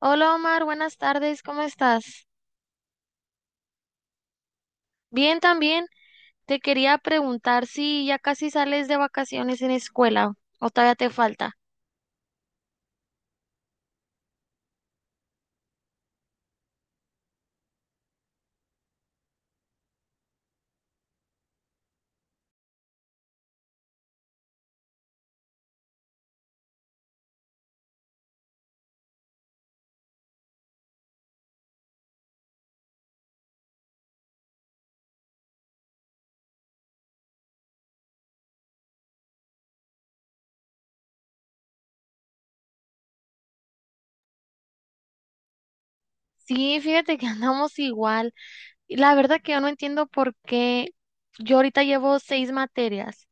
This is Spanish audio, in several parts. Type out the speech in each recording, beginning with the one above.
Hola Omar, buenas tardes, ¿cómo estás? Bien también. Te quería preguntar si ya casi sales de vacaciones en escuela o todavía te falta. Sí, fíjate que andamos igual. Y la verdad que yo no entiendo por qué yo ahorita llevo seis materias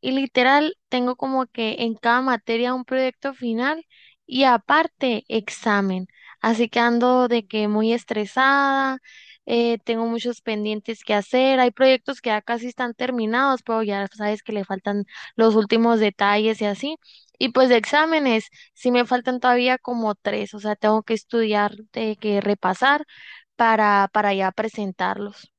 y literal tengo como que en cada materia un proyecto final y aparte examen. Así que ando de que muy estresada, tengo muchos pendientes que hacer, hay proyectos que ya casi están terminados, pero ya sabes que le faltan los últimos detalles y así. Y pues de exámenes, sí me faltan todavía como tres, o sea, tengo que estudiar, que repasar para ya presentarlos.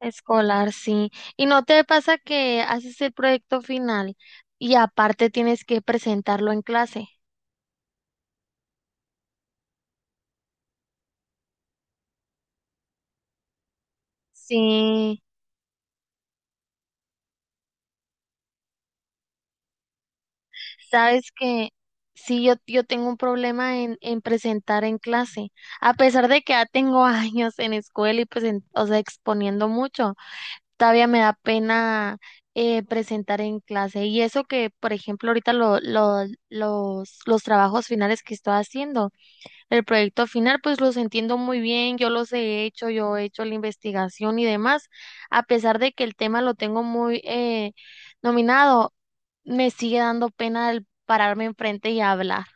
Escolar, sí. ¿Y no te pasa que haces el proyecto final y aparte tienes que presentarlo en clase? Sí, sabes que sí, yo tengo un problema en presentar en clase, a pesar de que ya tengo años en escuela y pues, o sea, exponiendo mucho, todavía me da pena presentar en clase. Y eso que, por ejemplo, ahorita los trabajos finales que estoy haciendo. El proyecto final, pues los entiendo muy bien, yo los he hecho, yo he hecho la investigación y demás. A pesar de que el tema lo tengo muy nominado, me sigue dando pena el pararme enfrente y hablar.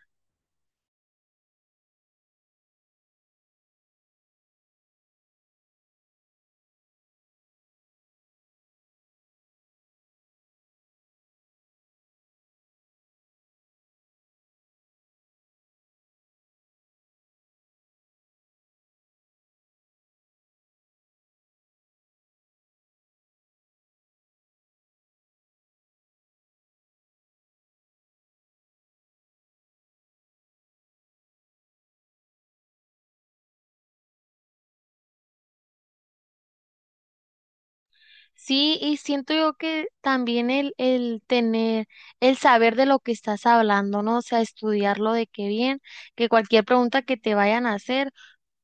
Sí, y siento yo que también el tener, el saber de lo que estás hablando, ¿no? O sea, estudiarlo de qué bien, que cualquier pregunta que te vayan a hacer,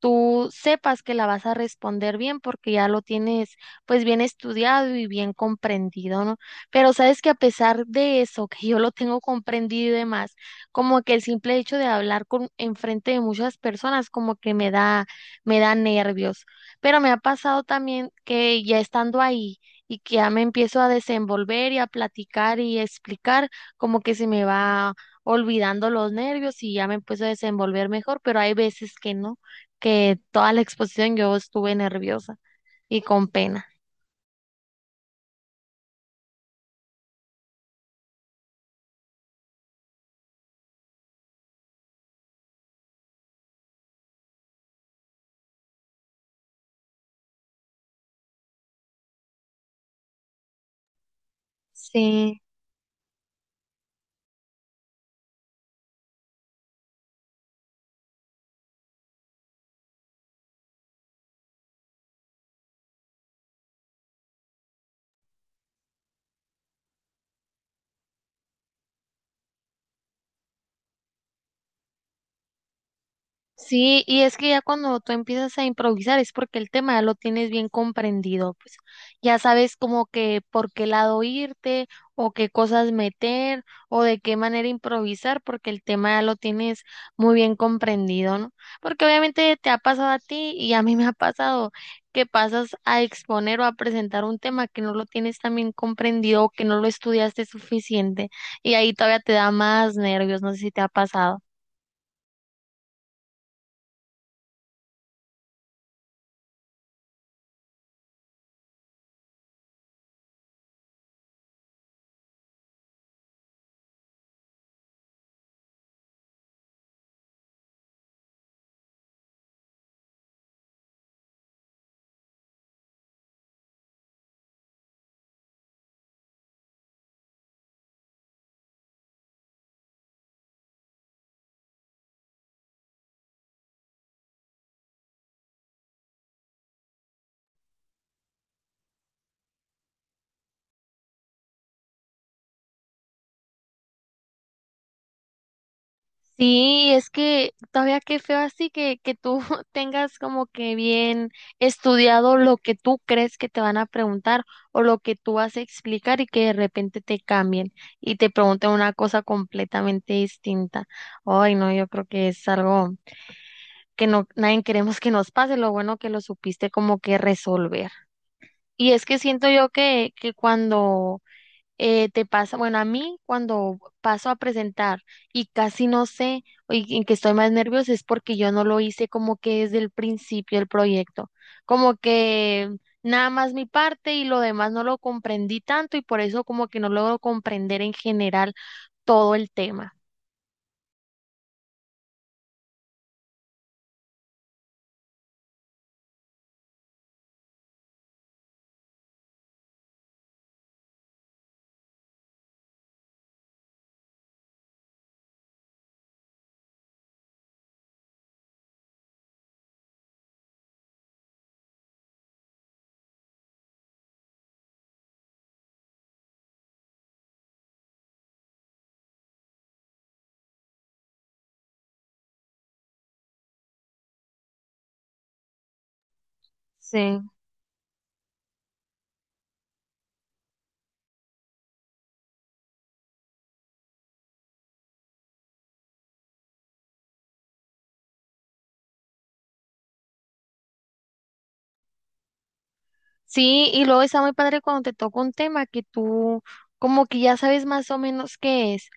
tú sepas que la vas a responder bien porque ya lo tienes pues bien estudiado y bien comprendido, ¿no? Pero sabes que a pesar de eso, que yo lo tengo comprendido y demás, como que el simple hecho de hablar con enfrente de muchas personas como que me da nervios. Pero me ha pasado también que ya estando ahí y que ya me empiezo a desenvolver y a platicar y a explicar, como que se me va olvidando los nervios y ya me empiezo a desenvolver mejor, pero hay veces que no, que toda la exposición yo estuve nerviosa y con pena. Sí. Sí, y es que ya cuando tú empiezas a improvisar es porque el tema ya lo tienes bien comprendido, pues ya sabes como que por qué lado irte o qué cosas meter o de qué manera improvisar porque el tema ya lo tienes muy bien comprendido, ¿no? Porque obviamente te ha pasado a ti y a mí me ha pasado que pasas a exponer o a presentar un tema que no lo tienes tan bien comprendido o que no lo estudiaste suficiente y ahí todavía te da más nervios, no sé si te ha pasado. Sí, es que todavía qué feo así que tú tengas como que bien estudiado lo que tú crees que te van a preguntar o lo que tú vas a explicar y que de repente te cambien y te pregunten una cosa completamente distinta. Ay, no, yo creo que es algo que no, nadie queremos que nos pase, lo bueno que lo supiste como que resolver. Y es que siento yo que cuando te pasa, bueno, a mí cuando paso a presentar y casi no sé y en que estoy más nerviosa es porque yo no lo hice como que desde el principio del proyecto, como que nada más mi parte y lo demás no lo comprendí tanto y por eso como que no logro comprender en general todo el tema. Sí. Sí, y luego está muy padre cuando te toca un tema que tú como que ya sabes más o menos qué es.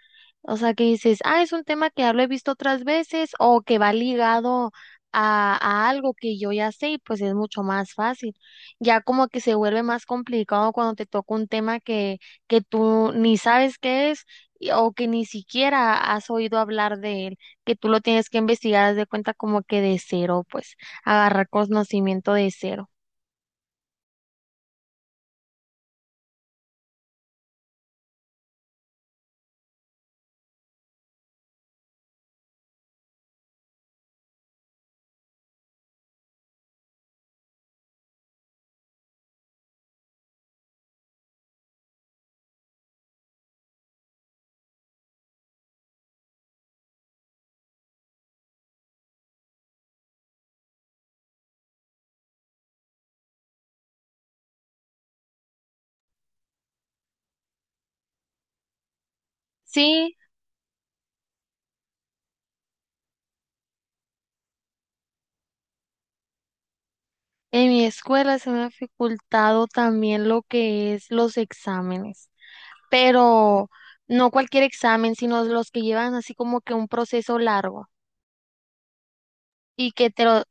O sea, que dices, ah, es un tema que ya lo he visto otras veces o que va ligado a algo que yo ya sé y pues es mucho más fácil. Ya como que se vuelve más complicado cuando te toca un tema que tú ni sabes qué es o que ni siquiera has oído hablar de él, que tú lo tienes que investigar, haz de cuenta como que de cero, pues agarrar conocimiento de cero. Sí, en mi escuela se me ha dificultado también lo que es los exámenes. Pero no cualquier examen, sino los que llevan así como que un proceso largo y que te lo,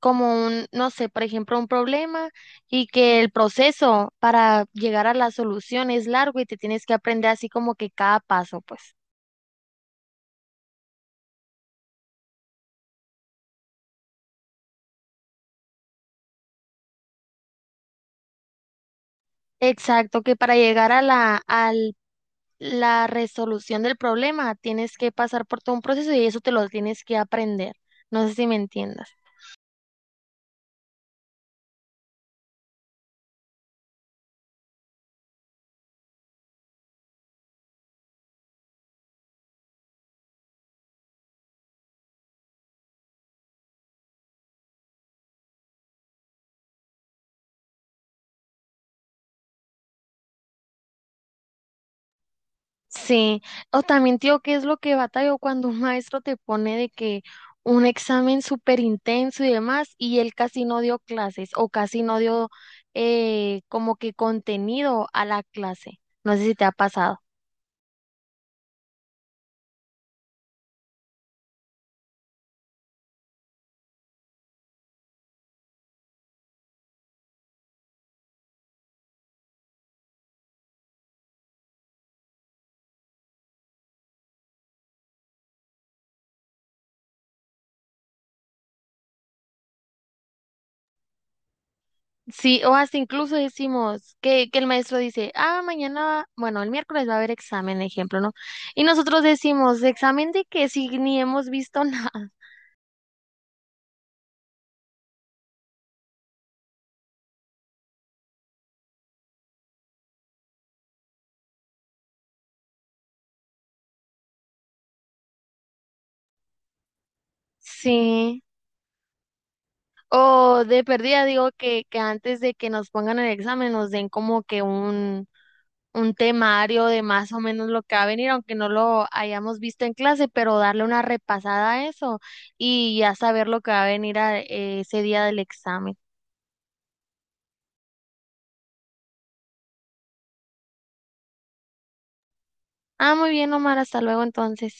como un, no sé, por ejemplo, un problema y que el proceso para llegar a la solución es largo y te tienes que aprender así como que cada paso, pues. Exacto, que para llegar a la, al la resolución del problema tienes que pasar por todo un proceso y eso te lo tienes que aprender. No sé si me entiendas. Sí, o también, tío, ¿qué es lo que batallo cuando un maestro te pone de que un examen súper intenso y demás, y él casi no dio clases o casi no dio como que contenido a la clase? No sé si te ha pasado. Sí, o hasta incluso decimos que el maestro dice, ah, mañana, bueno, el miércoles va a haber examen, ejemplo, ¿no? Y nosotros decimos, ¿examen de qué? Si ni hemos visto nada. Sí. O de perdida, digo que antes de que nos pongan el examen nos den como que un temario de más o menos lo que va a venir, aunque no lo hayamos visto en clase, pero darle una repasada a eso y ya saber lo que va a venir ese día del examen. Ah, muy bien, Omar, hasta luego entonces.